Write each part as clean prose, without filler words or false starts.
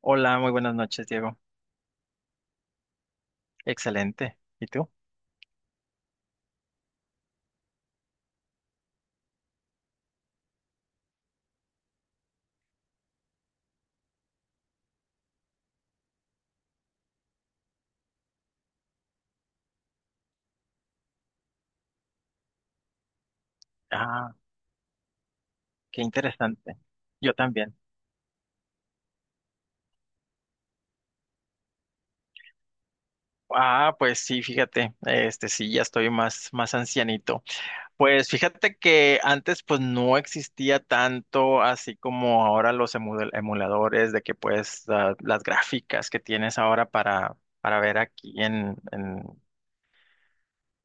Hola, muy buenas noches, Diego. Excelente. ¿Y tú? Ah, qué interesante. Yo también. Ah, pues sí, fíjate, este sí, ya estoy más ancianito. Pues fíjate que antes pues no existía tanto así como ahora los emuladores de que pues las gráficas que tienes ahora para, ver aquí en, en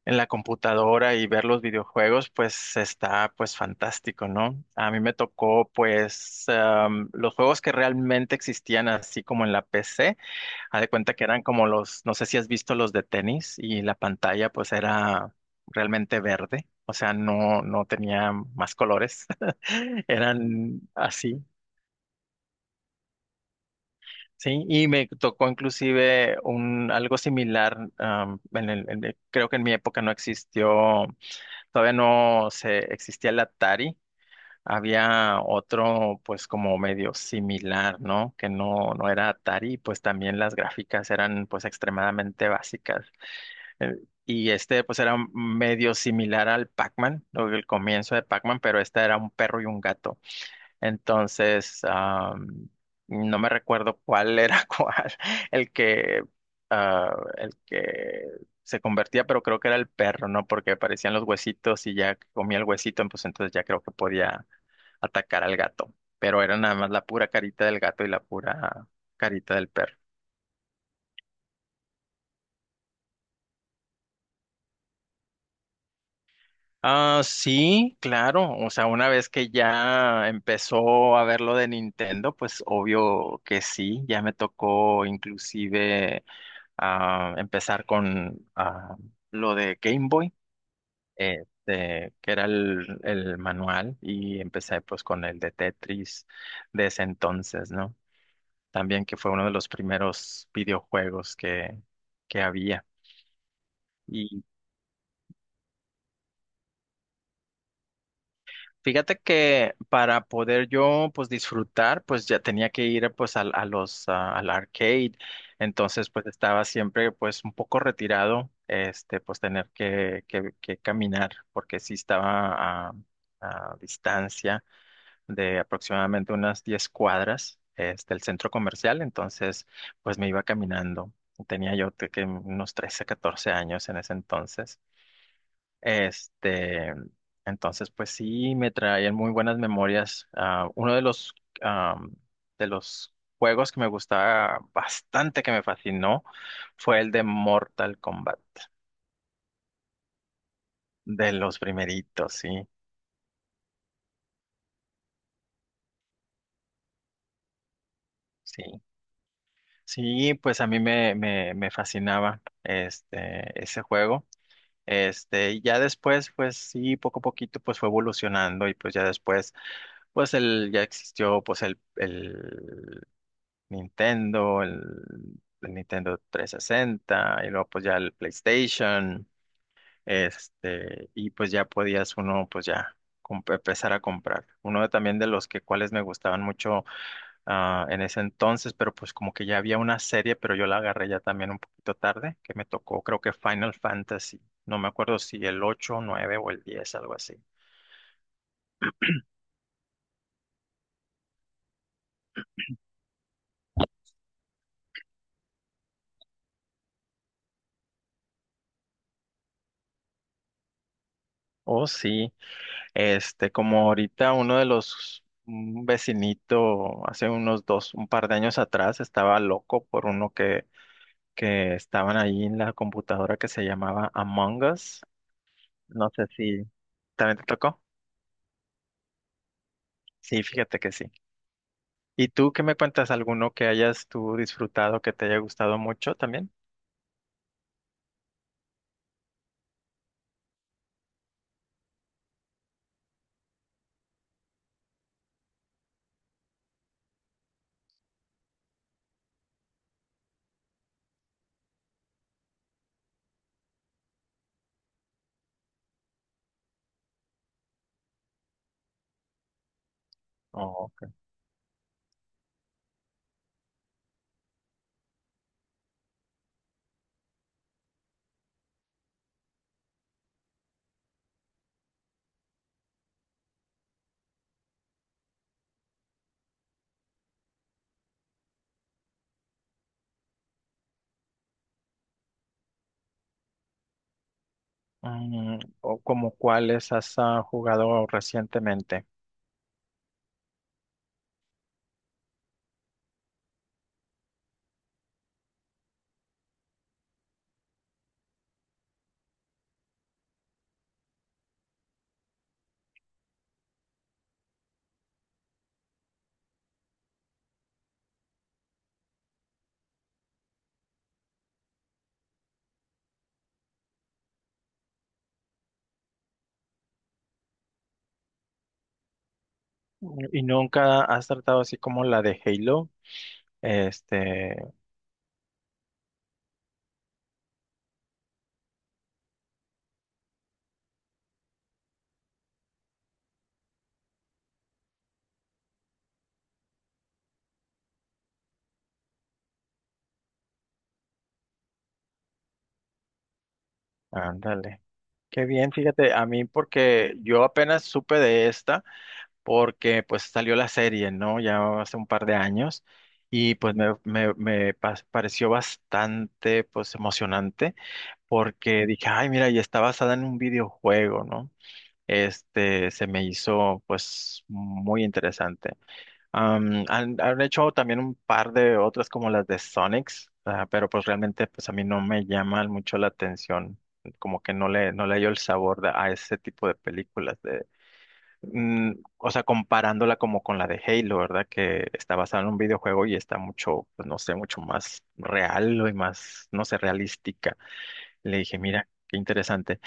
en la computadora y ver los videojuegos, pues está pues fantástico, ¿no? A mí me tocó pues los juegos que realmente existían así como en la PC, haz de cuenta que eran como los, no sé si has visto los de tenis y la pantalla pues era realmente verde, o sea, no, no tenía más colores, eran así. Sí, y me tocó inclusive un algo similar, creo que en mi época no existió todavía, no se existía el Atari. Había otro, pues, como medio similar, ¿no? Que no, no era Atari, y, pues también las gráficas eran, pues, extremadamente básicas. Eh, Y este, pues, era medio similar al Pac-Man, el comienzo de Pac-Man, pero este era un perro y un gato. Entonces, no me recuerdo cuál era cuál, el que, el que se convertía, pero creo que era el perro, ¿no? Porque aparecían los huesitos y ya que comía el huesito, pues entonces ya creo que podía atacar al gato. Pero era nada más la pura carita del gato y la pura carita del perro. Ah, sí, claro. O sea, una vez que ya empezó a ver lo de Nintendo, pues obvio que sí, ya me tocó inclusive a empezar con lo de Game Boy, que era el manual, y empecé pues con el de Tetris de ese entonces, ¿no? También que fue uno de los primeros videojuegos que había. Fíjate que para poder yo pues disfrutar pues ya tenía que ir pues al, al arcade, entonces pues estaba siempre pues un poco retirado este pues tener que caminar porque sí estaba a distancia de aproximadamente unas 10 cuadras este el centro comercial, entonces pues me iba caminando. Tenía yo que unos 13 14 años en ese entonces. Este, entonces, pues sí, me traían muy buenas memorias. Ah, uno de los, am, de los juegos que me gustaba bastante, que me fascinó, fue el de Mortal Kombat, de los primeritos, sí, sí. Sí, pues a mí me fascinaba este, ese juego. Este, y ya después, pues sí, poco a poquito, pues fue evolucionando y pues ya después, pues el, ya existió, pues el Nintendo, el Nintendo 360 y luego pues ya el PlayStation, este, y pues ya podías uno pues ya empezar a comprar. Uno también de los que cuales me gustaban mucho en ese entonces, pero pues como que ya había una serie, pero yo la agarré ya también un poquito tarde, que me tocó creo que Final Fantasy, no me acuerdo si el 8, 9 o el 10, algo así. Oh, sí. Este, como ahorita uno de los, un vecinito hace unos dos, un par de años atrás estaba loco por uno que estaban ahí en la computadora que se llamaba Among Us. No sé si también te tocó. Sí, fíjate que sí. ¿Y tú qué me cuentas? ¿Alguno que hayas tú disfrutado que te haya gustado mucho también? Oh, ok. ¿O como cuáles has jugado recientemente? ¿Y nunca has tratado así como la de Halo? Este, ándale. Qué bien, fíjate, a mí porque yo apenas supe de esta, porque pues salió la serie, ¿no? Ya hace un par de años y pues me pareció bastante pues emocionante, porque dije, ay, mira, y está basada en un videojuego, ¿no? Este se me hizo pues muy interesante. Han hecho también un par de otras como las de Sonics, ah, pero pues realmente pues a mí no me llama mucho la atención, como que no le hallo el sabor a ese tipo de películas de, mm, o sea, comparándola como con la de Halo, ¿verdad? Que está basada en un videojuego y está mucho, pues no sé, mucho más real y más, no sé, realística. Le dije, mira, qué interesante.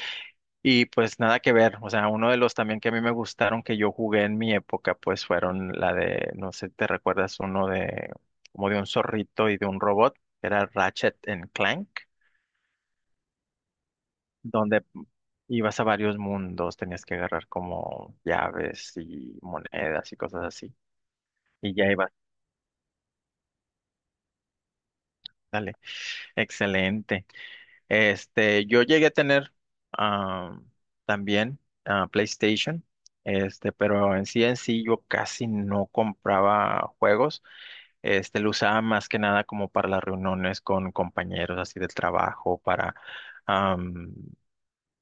Y pues nada que ver, o sea, uno de los también que a mí me gustaron que yo jugué en mi época, pues fueron la de, no sé, ¿te recuerdas uno de, como de un zorrito y de un robot? Era Ratchet and Clank, donde ibas a varios mundos, tenías que agarrar como llaves y monedas y cosas así. Y ya ibas, dale, excelente. Este, yo llegué a tener ah, también PlayStation, este, pero en sí yo casi no compraba juegos. Este, lo usaba más que nada como para las reuniones con compañeros así del trabajo, am,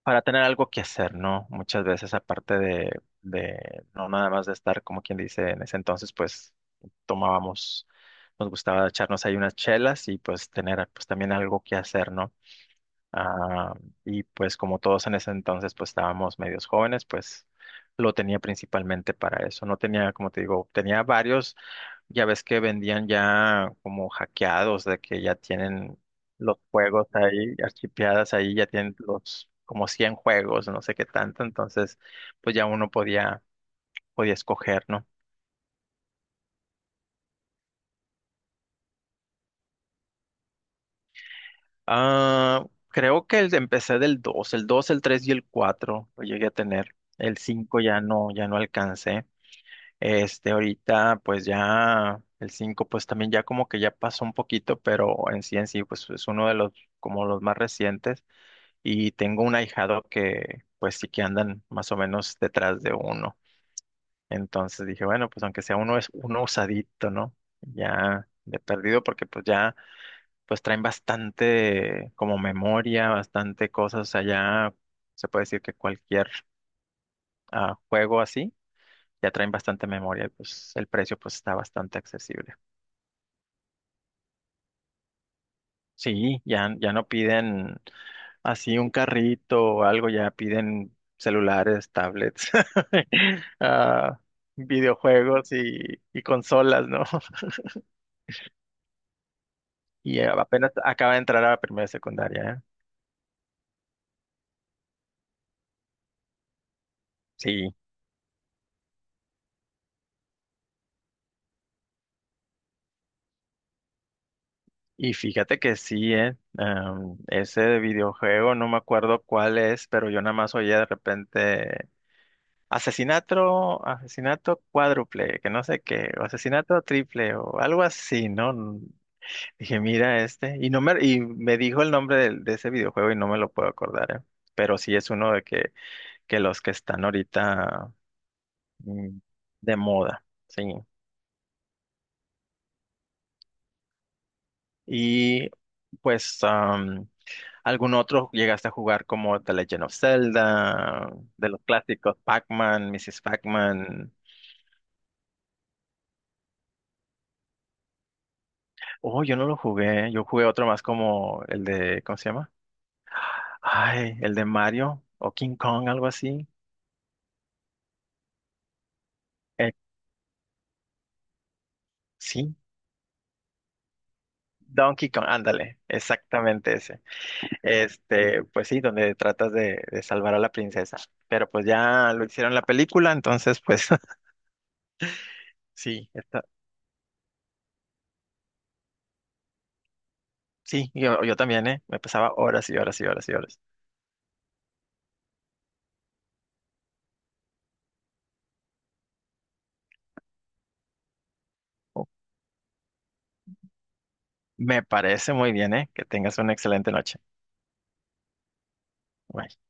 para tener algo que hacer, ¿no? Muchas veces aparte de, no nada más de estar como quien dice en ese entonces, pues tomábamos, nos gustaba echarnos ahí unas chelas y pues tener pues también algo que hacer, ¿no? Ah, y pues como todos en ese entonces pues estábamos medios jóvenes, pues lo tenía principalmente para eso. No tenía, como te digo, tenía varios, ya ves que vendían ya como hackeados, de que ya tienen los juegos ahí, archipeadas ahí, ya tienen los como 100 juegos, no sé qué tanto, entonces pues ya uno podía escoger, ¿no? Ah, creo que empecé del dos, el 3 y el 4 lo llegué a tener. El 5 ya no, ya no alcancé. Este, ahorita, pues ya el 5 pues también ya como que ya pasó un poquito, pero en sí, pues es uno de los, como los más recientes. Y tengo un ahijado que, pues sí que andan más o menos detrás de uno. Entonces dije, bueno, pues aunque sea uno, es uno usadito, ¿no? Ya de perdido, porque pues ya, pues traen bastante como memoria, bastante cosas, o sea, ya se puede decir que cualquier juego así ya traen bastante memoria y pues el precio pues está bastante accesible. Sí, ya, ya no piden así un carrito o algo, ya piden celulares, tablets, ah, videojuegos y consolas, ¿no? Y apenas acaba de entrar a la primera secundaria, ¿eh? Sí, y fíjate que sí, ¿eh? Ese videojuego, no me acuerdo cuál es, pero yo nada más oía de repente asesinato, asesinato cuádruple, que no sé qué, o asesinato triple, o algo así, ¿no? Dije, mira este, y no me, y me dijo el nombre de, ese videojuego y no me lo puedo acordar, ¿eh? Pero sí es uno de que los que están ahorita mm, de moda, sí. Y pues, ¿algún otro llegaste a jugar como The Legend of Zelda, de los clásicos, Pac-Man, Mrs. Pac-Man? Oh, yo no lo jugué, yo jugué otro más como el de, ¿cómo se llama? Ay, el de Mario o King Kong, algo así. Eh, sí, Donkey Kong, ándale, exactamente ese. Este, pues sí, donde tratas de salvar a la princesa. Pero pues ya lo hicieron la película, entonces pues sí, está, sí, yo también, ¿eh? Me pasaba horas y horas y horas y horas. Oh, Me parece muy bien, ¿eh? Que tengas una excelente noche. Bye.